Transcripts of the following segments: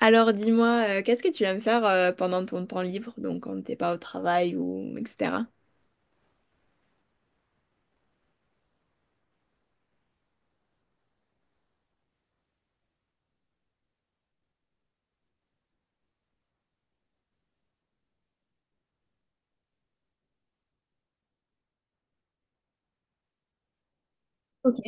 Alors dis-moi, qu'est-ce que tu aimes faire pendant ton temps libre, donc quand t'es pas au travail ou etc. Ok.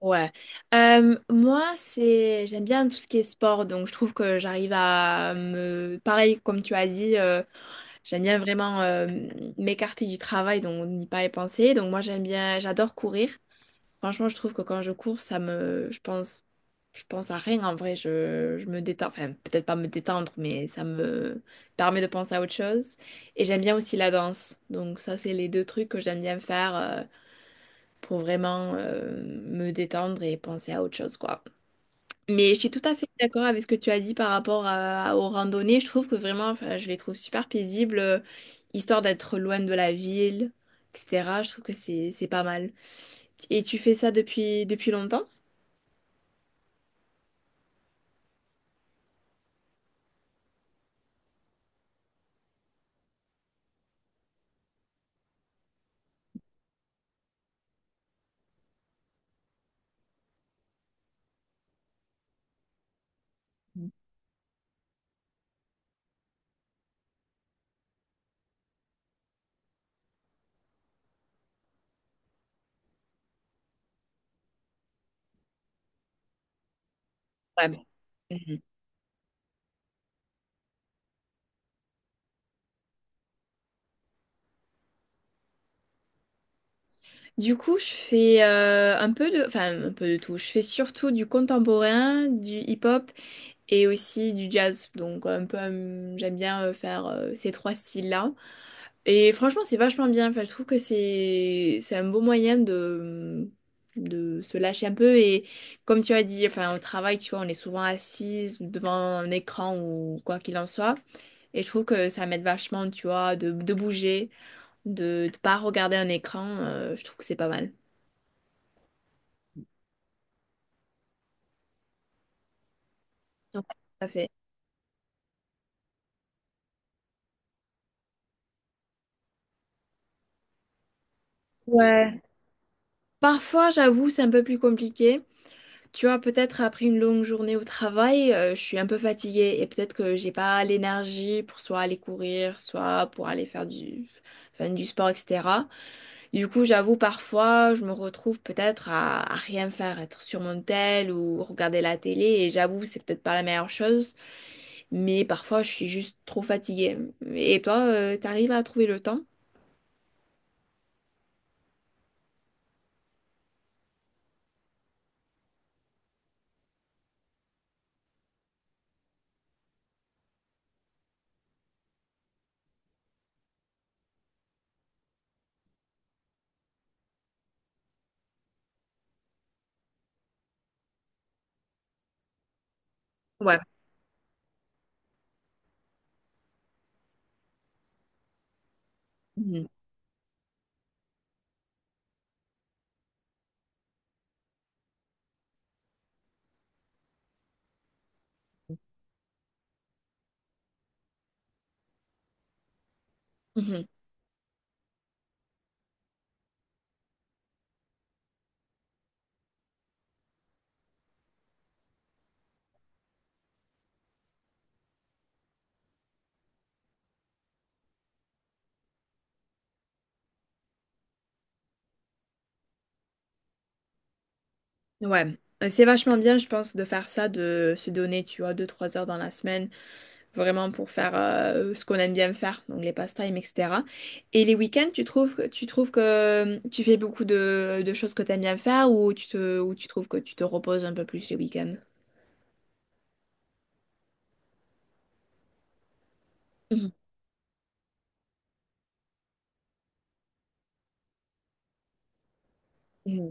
Ouais. Moi, c'est j'aime bien tout ce qui est sport, donc je trouve que j'arrive à me pareil comme tu as dit, j'aime bien vraiment m'écarter du travail, donc n'y pas y penser. Donc moi j'aime bien, j'adore courir. Franchement, je trouve que quand je cours, ça me, je pense à rien en vrai. Je me détends, enfin peut-être pas me détendre, mais ça me permet de penser à autre chose. Et j'aime bien aussi la danse. Donc ça, c'est les deux trucs que j'aime bien faire pour vraiment me détendre et penser à autre chose, quoi. Mais je suis tout à fait d'accord avec ce que tu as dit par rapport aux randonnées. Je trouve que vraiment, enfin, je les trouve super paisibles, histoire d'être loin de la ville, etc. Je trouve que c'est pas mal. Et tu fais ça depuis longtemps? Vraiment. Mhm. Du coup, je fais un peu de, enfin un peu de tout. Je fais surtout du contemporain, du hip-hop et aussi du jazz. Donc un peu, j'aime bien faire ces trois styles-là. Et franchement, c'est vachement bien. Enfin, je trouve que c'est un beau moyen de se lâcher un peu et comme tu as dit, enfin au travail, tu vois, on est souvent assise ou devant un écran ou quoi qu'il en soit. Et je trouve que ça m'aide vachement, tu vois, de bouger, de ne pas regarder un écran. Je trouve que c'est pas mal. Donc, tout à fait. Ouais. Parfois, j'avoue, c'est un peu plus compliqué. Tu vois, peut-être après une longue journée au travail, je suis un peu fatiguée et peut-être que j'ai pas l'énergie pour soit aller courir, soit pour aller faire du, enfin, du sport, etc. Du coup, j'avoue, parfois, je me retrouve peut-être à rien faire, être sur mon tel ou regarder la télé et j'avoue, c'est peut-être pas la meilleure chose, mais parfois, je suis juste trop fatiguée. Et toi, t'arrives à trouver le temps? Ouais. Mhm. Mhm. Ouais. C'est vachement bien, je pense, de faire ça, de se donner, tu vois, deux trois heures dans la semaine, vraiment pour faire ce qu'on aime bien faire, donc les pastimes, etc. Et les week-ends, tu trouves, que- tu trouves que tu fais beaucoup de choses que tu aimes bien faire ou ou tu trouves que tu te reposes un peu plus les week-ends? Mhm, mhm,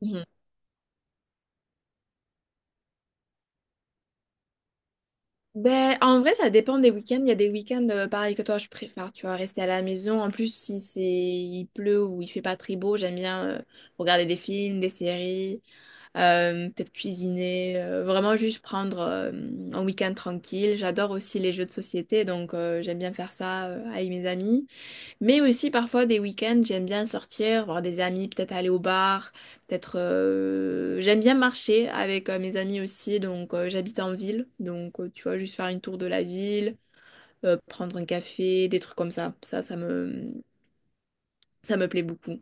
mhm. Ben, en vrai, ça dépend des week-ends. Il y a des week-ends, pareil que toi, je préfère, tu vois, rester à la maison. En plus, si c'est, il pleut ou il fait pas très beau, j'aime bien regarder des films, des séries. Peut-être cuisiner, vraiment juste prendre un week-end tranquille. J'adore aussi les jeux de société, donc j'aime bien faire ça avec mes amis. Mais aussi parfois des week-ends, j'aime bien sortir, voir des amis, peut-être aller au bar, peut-être, j'aime bien marcher avec mes amis aussi, donc j'habite en ville, donc tu vois, juste faire une tour de la ville, prendre un café, des trucs comme ça. Ça me plaît beaucoup.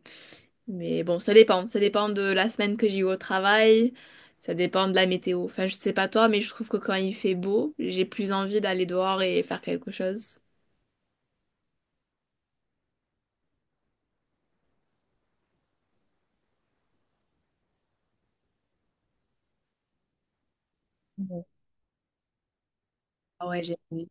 Mais bon, ça dépend. Ça dépend de la semaine que j'ai eu au travail. Ça dépend de la météo. Enfin, je sais pas toi, mais je trouve que quand il fait beau, j'ai plus envie d'aller dehors et faire quelque chose. Ouais. Ah ouais, j'ai envie.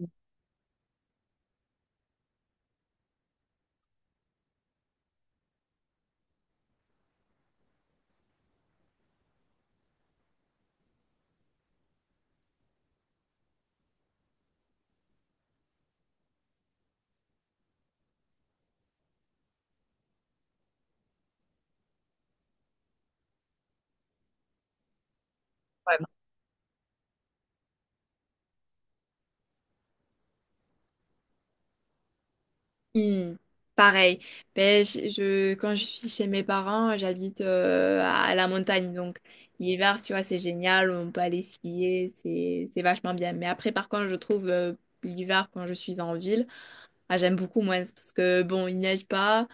Ouais. Hmm. Pareil. Ben, quand je suis chez mes parents, j'habite à la montagne. Donc, l'hiver, tu vois, c'est génial. On peut aller skier. C'est vachement bien. Mais après, par contre, je trouve l'hiver, quand je suis en ville, ah, j'aime beaucoup moins. Parce que, bon, il neige pas.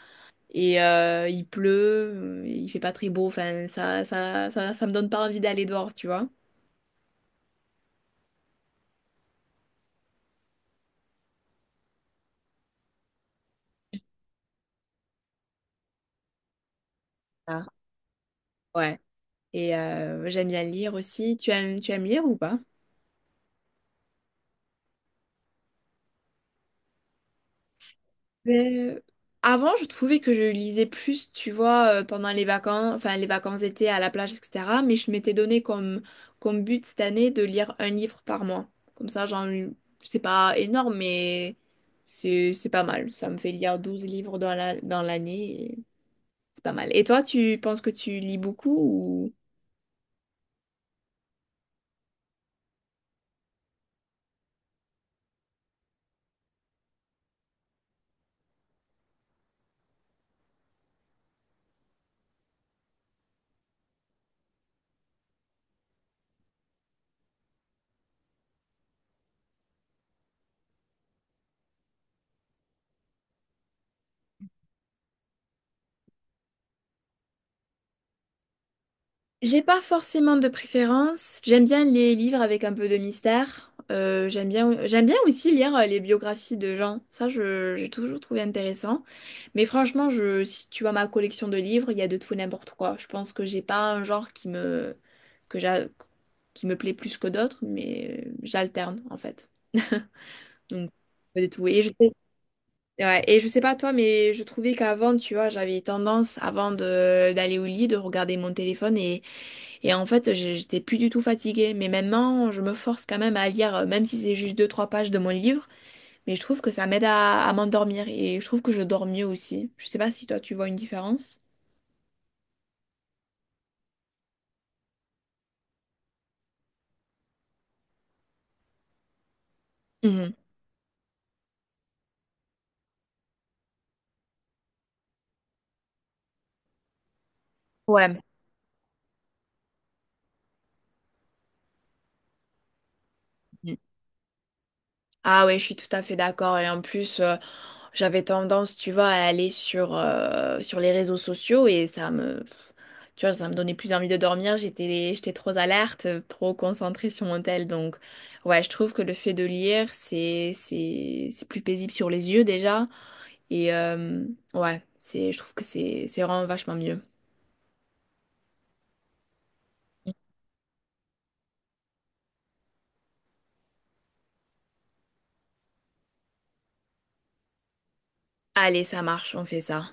Et il pleut, il fait pas très beau, enfin ça me donne pas envie d'aller dehors, tu vois. Ah. Ouais. Et j'aime bien lire aussi. Tu aimes lire ou pas? Euh, Avant, je trouvais que je lisais plus, tu vois, pendant les vacances, enfin les vacances d'été à la plage, etc. Mais je m'étais donné comme but cette année de lire un livre par mois. Comme ça, c'est pas énorme, mais c'est pas mal. Ça me fait lire 12 livres dans l'année. C'est pas mal. Et toi, tu penses que tu lis beaucoup ou... J'ai pas forcément de préférence. J'aime bien les livres avec un peu de mystère. J'aime bien aussi lire les biographies de gens. Ça, j'ai toujours trouvé intéressant. Mais franchement, si tu vois ma collection de livres, il y a de tout et n'importe quoi. Je pense que j'ai pas un genre que j'a- qui me plaît plus que d'autres, mais j'alterne en fait. Donc, de tout. Et je sais. Ouais, et je sais pas toi, mais je trouvais qu'avant, tu vois, j'avais tendance, avant de d'aller au lit, de regarder mon téléphone et en fait, j'étais plus du tout fatiguée. Mais maintenant, je me force quand même à lire, même si c'est juste deux, trois pages de mon livre, mais je trouve que ça m'aide à m'endormir et je trouve que je dors mieux aussi. Je sais pas si toi, tu vois une différence. Mhm. Ouais. Ah oui, je suis tout à fait d'accord. Et en plus, j'avais tendance, tu vois, à aller sur les réseaux sociaux et tu vois, ça me donnait plus envie de dormir. J'étais trop alerte, trop concentrée sur mon tel. Donc, ouais, je trouve que le fait de lire, c'est plus paisible sur les yeux déjà. Et ouais, je trouve que c'est vraiment vachement mieux. Allez, ça marche, on fait ça.